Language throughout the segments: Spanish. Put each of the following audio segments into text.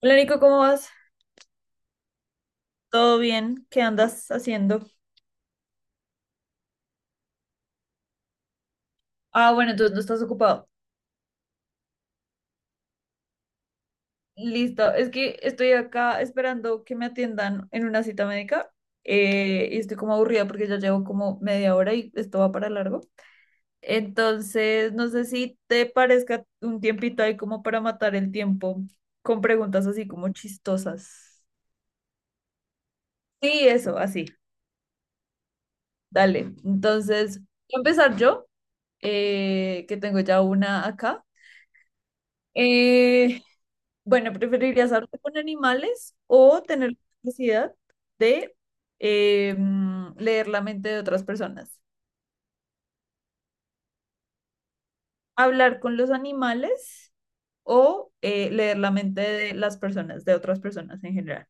Hola Nico, ¿cómo vas? ¿Todo bien? ¿Qué andas haciendo? Ah, bueno, entonces no estás ocupado. Listo, es que estoy acá esperando que me atiendan en una cita médica, y estoy como aburrida porque ya llevo como media hora y esto va para largo. Entonces, no sé si te parezca un tiempito ahí como para matar el tiempo con preguntas así como chistosas. Sí, eso, así. Dale. Entonces, voy a empezar yo, que tengo ya una acá. Eh, Bueno, ¿preferirías hablarte con animales o tener la capacidad de leer la mente de otras personas? ¿Hablar con los animales o leer la mente de las personas, de otras personas en general?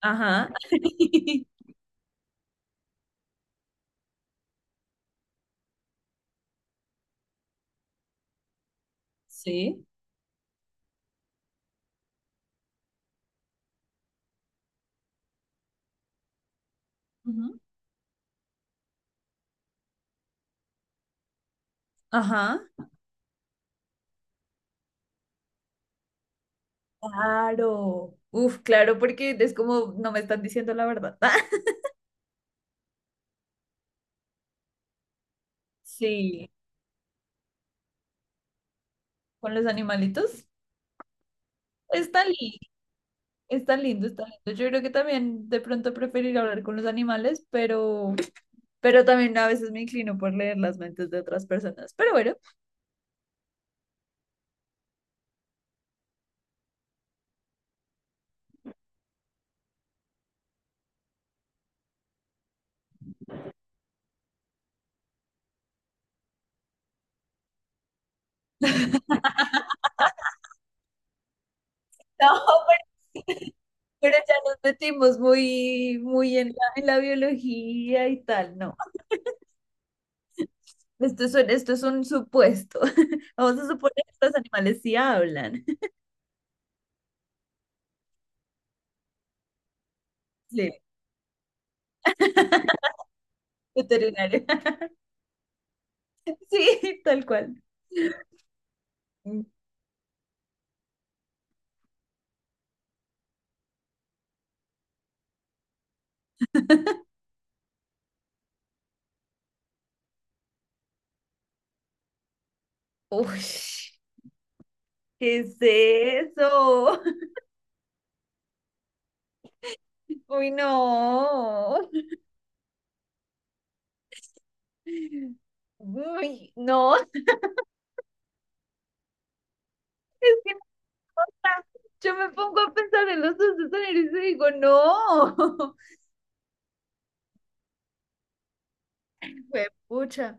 Ajá. Sí. Ujú. Ajá. Claro. Uf, claro, porque es como no me están diciendo la verdad. Sí. Con los animalitos, pues. Está lindo. Está lindo, está lindo. Yo creo que también de pronto preferir hablar con los animales, pero también a veces me inclino por leer las mentes de otras personas. Pero bueno, no, pero, sí. Pero ya nos metimos muy, muy en la biología y tal. No, esto es, esto es un supuesto. Vamos a suponer que los animales sí hablan. Sí, veterinario. Sí, tal cual. Uy, ¿qué es eso? Uy, no. Uy, no, es que no, o sea, yo me pongo a pensar en los dos escenarios y digo, no. Fue pucha.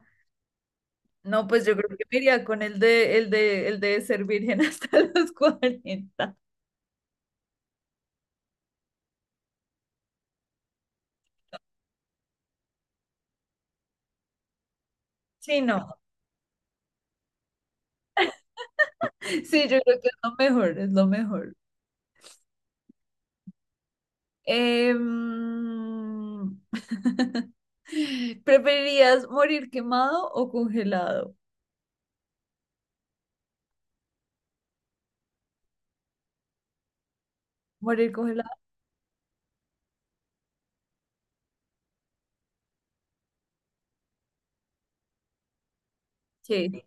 No, pues yo creo que me iría con el de, el de, el de ser virgen hasta los cuarenta. Sí, no. Sí, yo creo que es lo mejor, es lo mejor. Em, ¿Preferirías morir quemado o congelado? Morir congelado, sí.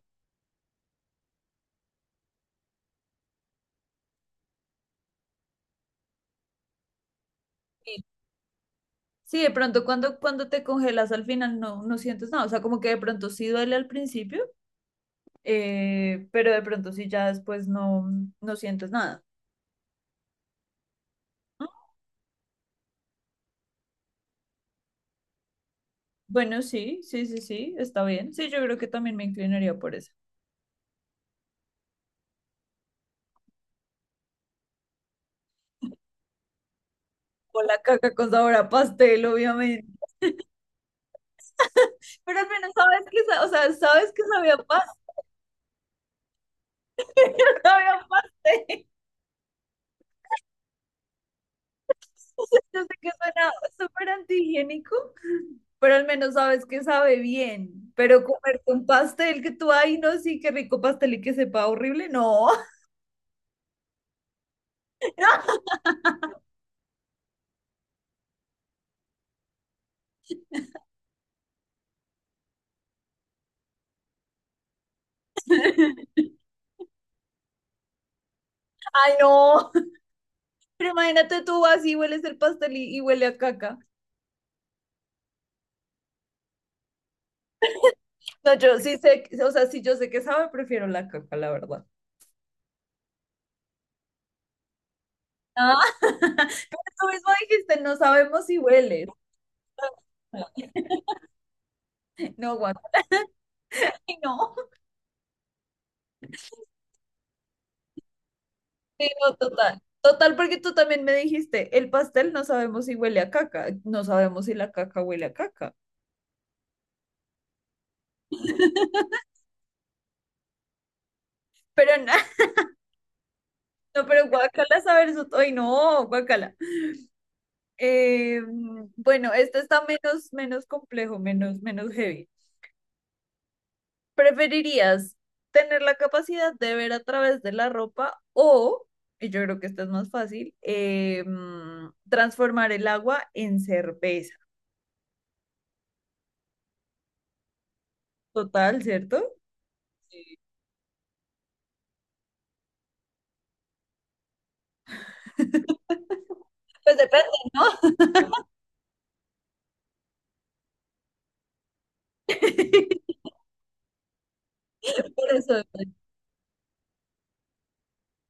Sí, de pronto cuando, cuando te congelas al final no, no sientes nada, o sea, como que de pronto sí duele al principio, pero de pronto sí ya después no, no sientes nada. Mm, bueno, sí, sí, sí, sí, está bien. Sí, yo creo que también me inclinaría por eso. O la caca con sabor a pastel, obviamente. Pero al menos sabes que, o sea, sabes que sabía a pastel, sabía a pastel. Yo sé que suena súper antihigiénico, pero al menos sabes que sabe bien. Pero comer un pastel que tú, ay, no, sí, qué rico pastel y que sepa horrible, no. No, ay, no. Pero imagínate, tú así hueles el pastel y huele a caca. No, yo sí sé, o sea, sí, yo sé que sabe, prefiero la caca, la verdad. Ah, pero tú mismo dijiste, no sabemos si huele. No, guacala. Ay, no. Sí, no, total. Total, porque tú también me dijiste, el pastel no sabemos si huele a caca, no sabemos si la caca huele a caca. Pero nada, no, pero guacala saber eso, ay, no, guacala. Eh, bueno, este está menos, menos complejo, menos, menos heavy. ¿Preferirías tener la capacidad de ver a través de la ropa o, y yo creo que esta es más fácil, transformar el agua en cerveza? Total, ¿cierto? Pues depende, ¿no? Por eso,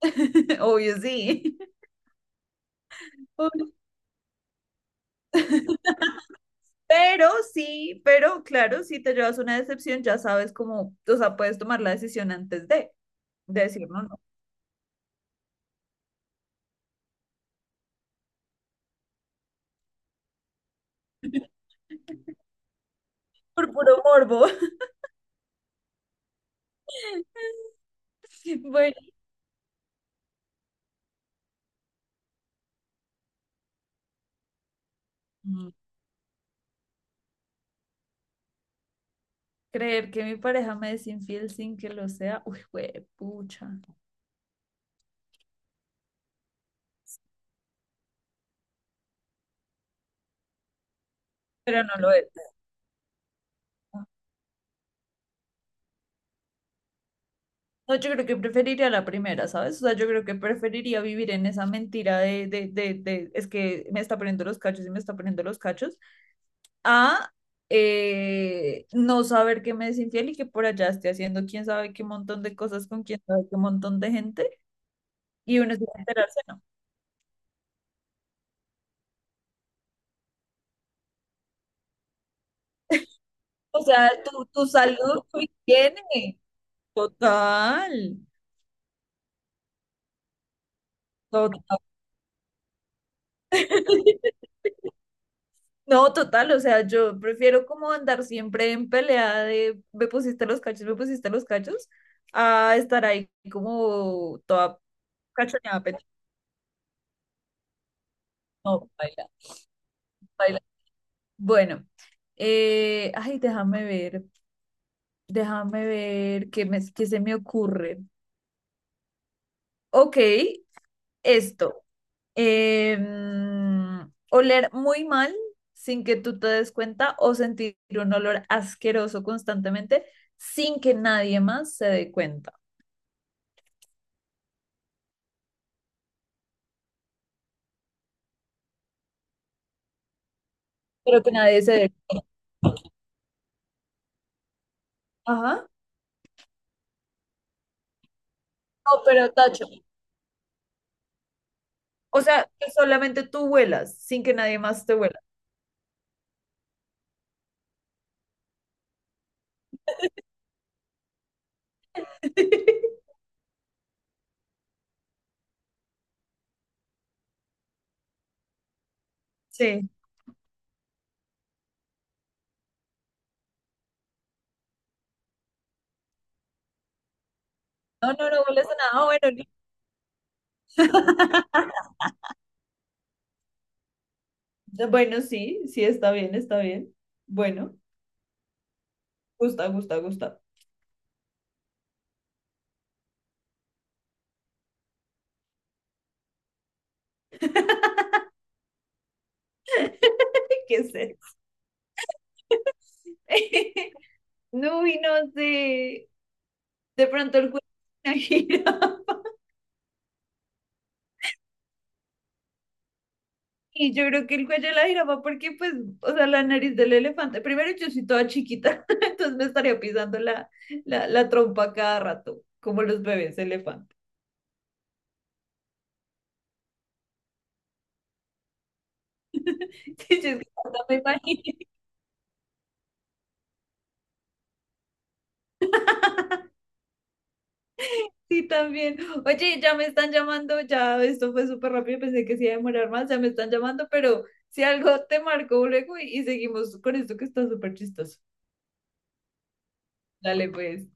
obvio, sí. Obvio. Pero sí, pero claro, si te llevas una decepción, ya sabes cómo, o sea, puedes tomar la decisión antes de decir no, no, por puro morbo. Bueno, mm, creer que mi pareja me es infiel sin que lo sea, uy, pucha, pero no lo es. No, yo creo que preferiría la primera, ¿sabes? O sea, yo creo que preferiría vivir en esa mentira de es que me está poniendo los cachos y me está poniendo los cachos, a no saber que me es infiel y que por allá esté haciendo quién sabe qué montón de cosas con quién sabe qué montón de gente y uno se va a enterarse, ¿no? O sea, tu salud, tu higiene. Total, total. No, total, o sea, yo prefiero como andar siempre en pelea de me pusiste los cachos, me pusiste los cachos, a estar ahí como toda cachoneada. No, baila, baila. Bueno, ay, déjame ver qué me, qué se me ocurre. Ok, esto. Oler muy mal sin que tú te des cuenta o sentir un olor asqueroso constantemente sin que nadie más se dé cuenta. Pero que nadie se dé. Ajá. No, pero tacho. O sea, que solamente tú vuelas, sin que nadie más te vuela. Sí. No, no, no vuelas a nada. Ah, bueno, li- bueno, sí, sí, está bien, está bien. Bueno, gusta, gusta, gusta. ¿Qué sé? No, y no sé. De pronto el juego es una gira. Y yo creo que el cuello de la jirafa, porque pues, o sea, la nariz del elefante, primero yo soy toda chiquita, entonces me estaría pisando la, la, la trompa cada rato, como los bebés elefante. Sí, yo es que hasta me imagino. Sí, también. Oye, ya me están llamando, ya esto fue súper rápido, pensé que se iba a demorar más, ya me están llamando, pero si algo te marcó luego y seguimos con esto que está súper chistoso. Dale, pues.